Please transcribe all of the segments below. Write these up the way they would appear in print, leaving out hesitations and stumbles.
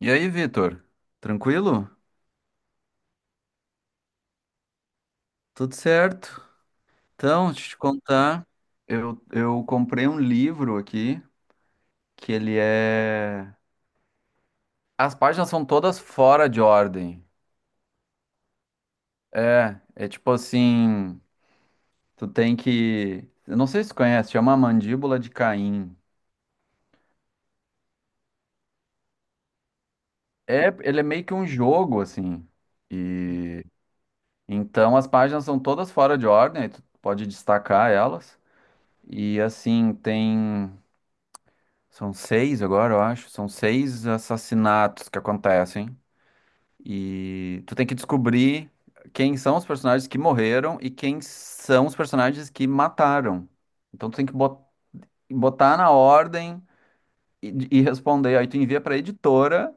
E aí, Vitor? Tranquilo? Tudo certo? Então, deixa eu te contar, eu comprei um livro aqui, que ele é. As páginas são todas fora de ordem. É tipo assim, tu tem que. Eu não sei se tu conhece, chama A Mandíbula de Caim. É, ele é meio que um jogo, assim. E então as páginas são todas fora de ordem, aí tu pode destacar elas. E assim, tem são seis agora, eu acho. São seis assassinatos que acontecem. E tu tem que descobrir quem são os personagens que morreram e quem são os personagens que mataram. Então tu tem que botar na ordem e responder. Aí tu envia pra editora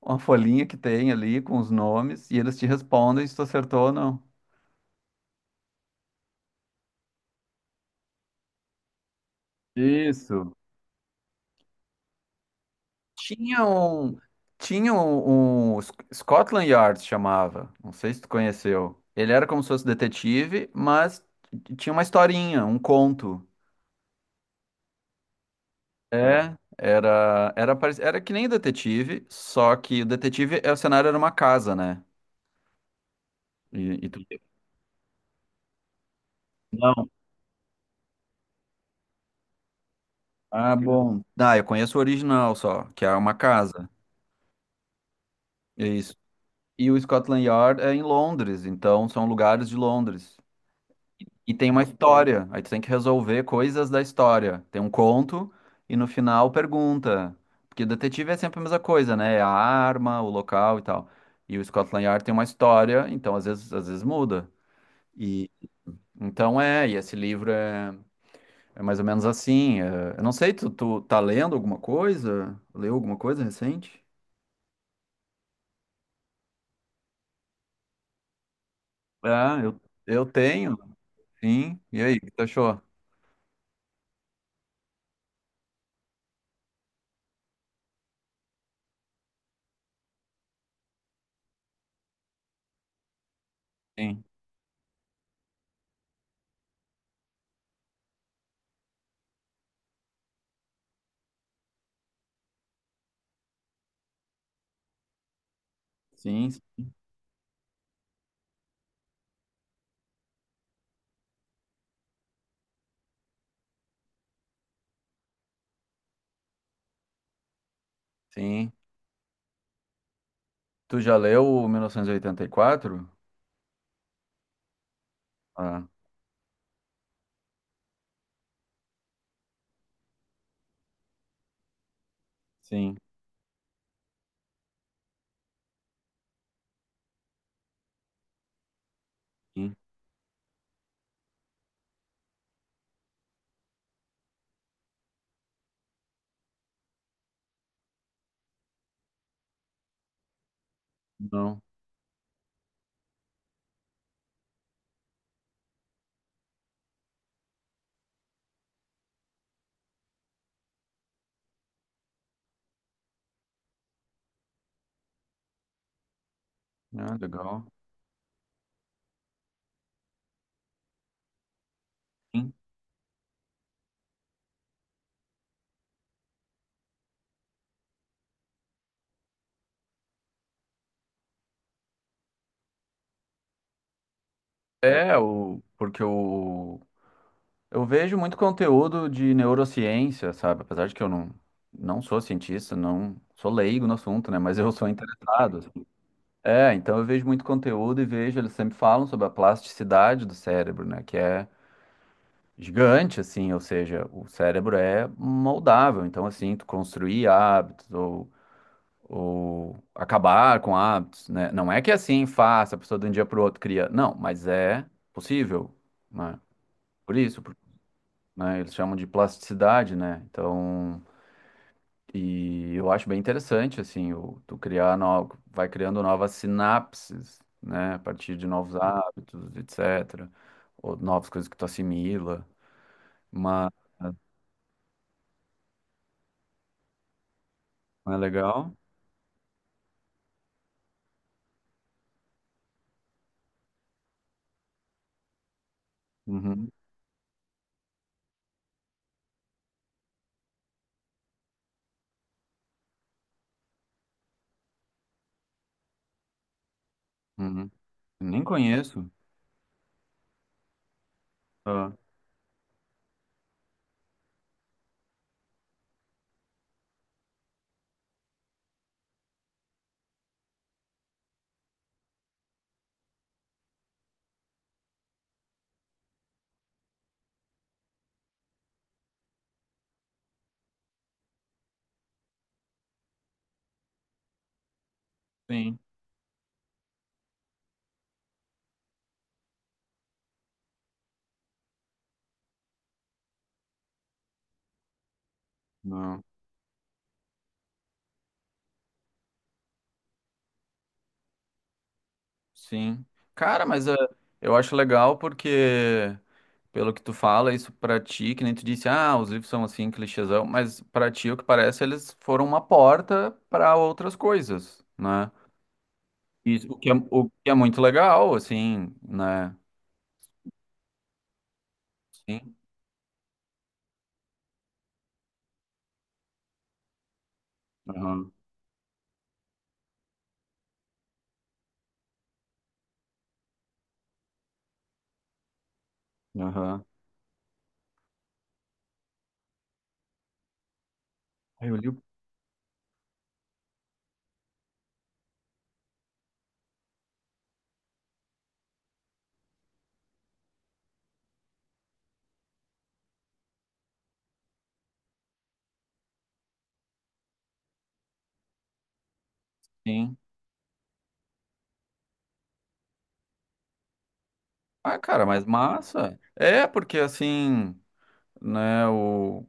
uma folhinha que tem ali com os nomes e eles te respondem se tu acertou ou não. Isso. Tinha um, tinha um Scotland Yard chamava. Não sei se tu conheceu. Ele era como se fosse detetive, mas tinha uma historinha, um conto. É, era que nem detetive, só que o detetive, o cenário era uma casa, né? E tu. Não. Ah, bom. Ah, eu conheço o original só, que é uma casa. É isso. E o Scotland Yard é em Londres, então são lugares de Londres. E tem uma história, aí tu tem que resolver coisas da história. Tem um conto e no final pergunta. Porque o detetive é sempre a mesma coisa, né? É a arma, o local e tal. E o Scotland Yard tem uma história, então às vezes muda. E então, e esse livro é mais ou menos assim. Eu não sei, tu tá lendo alguma coisa? Leu alguma coisa recente? Ah, eu tenho, sim. E aí, o que tu achou? Sim, sim, sim. Tu já leu o 1984? Ah. Sim, sim. Não. Ah, legal. Sim. É, porque eu vejo muito conteúdo de neurociência, sabe? Apesar de que eu não sou cientista, não sou leigo no assunto, né? Mas eu sou interessado, assim. É, então eu vejo muito conteúdo e vejo, eles sempre falam sobre a plasticidade do cérebro, né? Que é gigante, assim, ou seja, o cérebro é moldável. Então, assim, tu construir hábitos ou acabar com hábitos, né? Não é que é assim faça a pessoa de um dia para o outro cria, não, mas é possível, né? Por isso, né? Eles chamam de plasticidade, né? Então, e eu acho bem interessante assim, tu criar novo, vai criando novas sinapses, né? A partir de novos hábitos, etc. Ou novas coisas que tu assimila, mas não é legal? Uhum, uhum. Nem conheço. Ah, sim. Não. Sim. Cara, mas eu acho legal porque, pelo que tu fala, isso pra ti, que nem tu disse, ah, os livros são assim, clichêzão, mas pra ti, o que parece, eles foram uma porta pra outras coisas, né? Isso, o que é muito legal, assim, né? Sim. Aham. Aham. Ah, eu li o. Sim. Ah, cara, mas massa. É, porque assim, né, o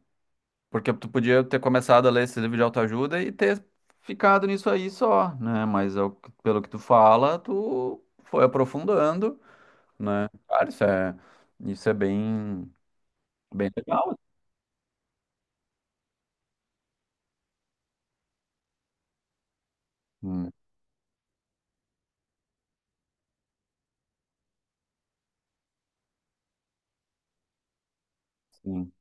Porque tu podia ter começado a ler esse livro de autoajuda e ter ficado nisso aí só, né? Mas é pelo que tu fala, tu foi aprofundando, né? Cara, isso é bem, bem legal. Hum, sim.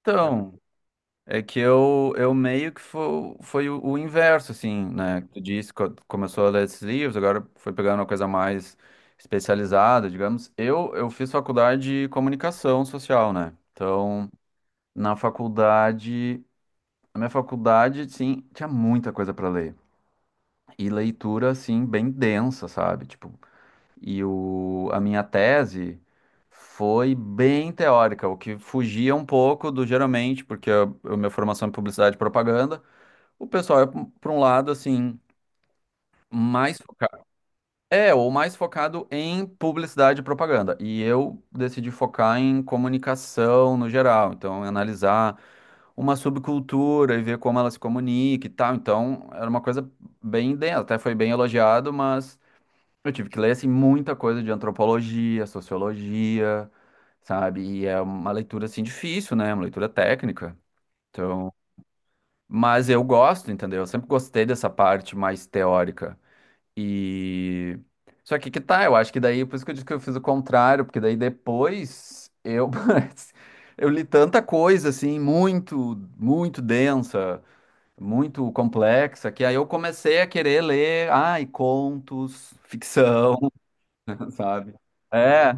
Então, é que eu meio que foi o inverso, assim, né? Tu disse que começou a ler esses livros, agora foi pegando uma coisa mais especializada, digamos. Eu fiz faculdade de comunicação social, né? Então, na faculdade. Na minha faculdade, sim, tinha muita coisa para ler. E leitura, assim, bem densa, sabe? Tipo, a minha tese foi bem teórica, o que fugia um pouco do geralmente, porque a minha formação é em publicidade e propaganda. O pessoal é para um lado, assim, mais focado. É, ou mais focado em publicidade e propaganda. E eu decidi focar em comunicação no geral. Então, analisar uma subcultura e ver como ela se comunica e tal. Então, era uma coisa bem densa, até foi bem elogiado, mas eu tive que ler assim muita coisa de antropologia, sociologia, sabe? E é uma leitura assim difícil, né? É uma leitura técnica. Então, mas eu gosto, entendeu? Eu sempre gostei dessa parte mais teórica. E só que tá, eu acho que daí, por isso que eu disse que eu fiz o contrário, porque daí depois eu eu li tanta coisa assim, muito, muito densa, muito complexa, que aí eu comecei a querer ler, ai, contos, ficção, sabe? É,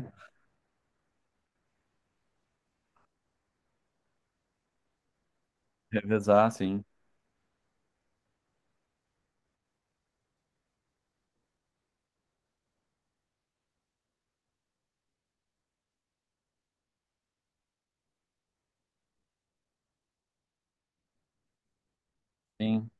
revezar, sim. Sim,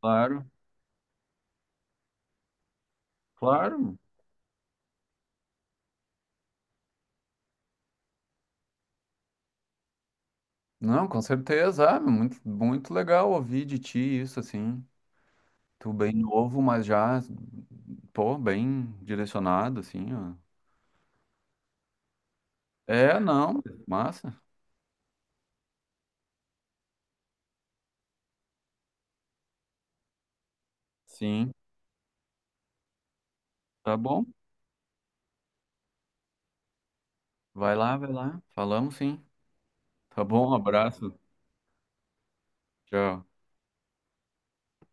claro, claro. Não, com certeza, ah, muito, muito legal ouvir de ti isso, assim. Tu bem novo, mas já, pô, bem direcionado, assim, ó. É, não, massa. Sim, tá bom. Vai lá, vai lá. Falamos, sim. Tá bom, abraço. Tchau.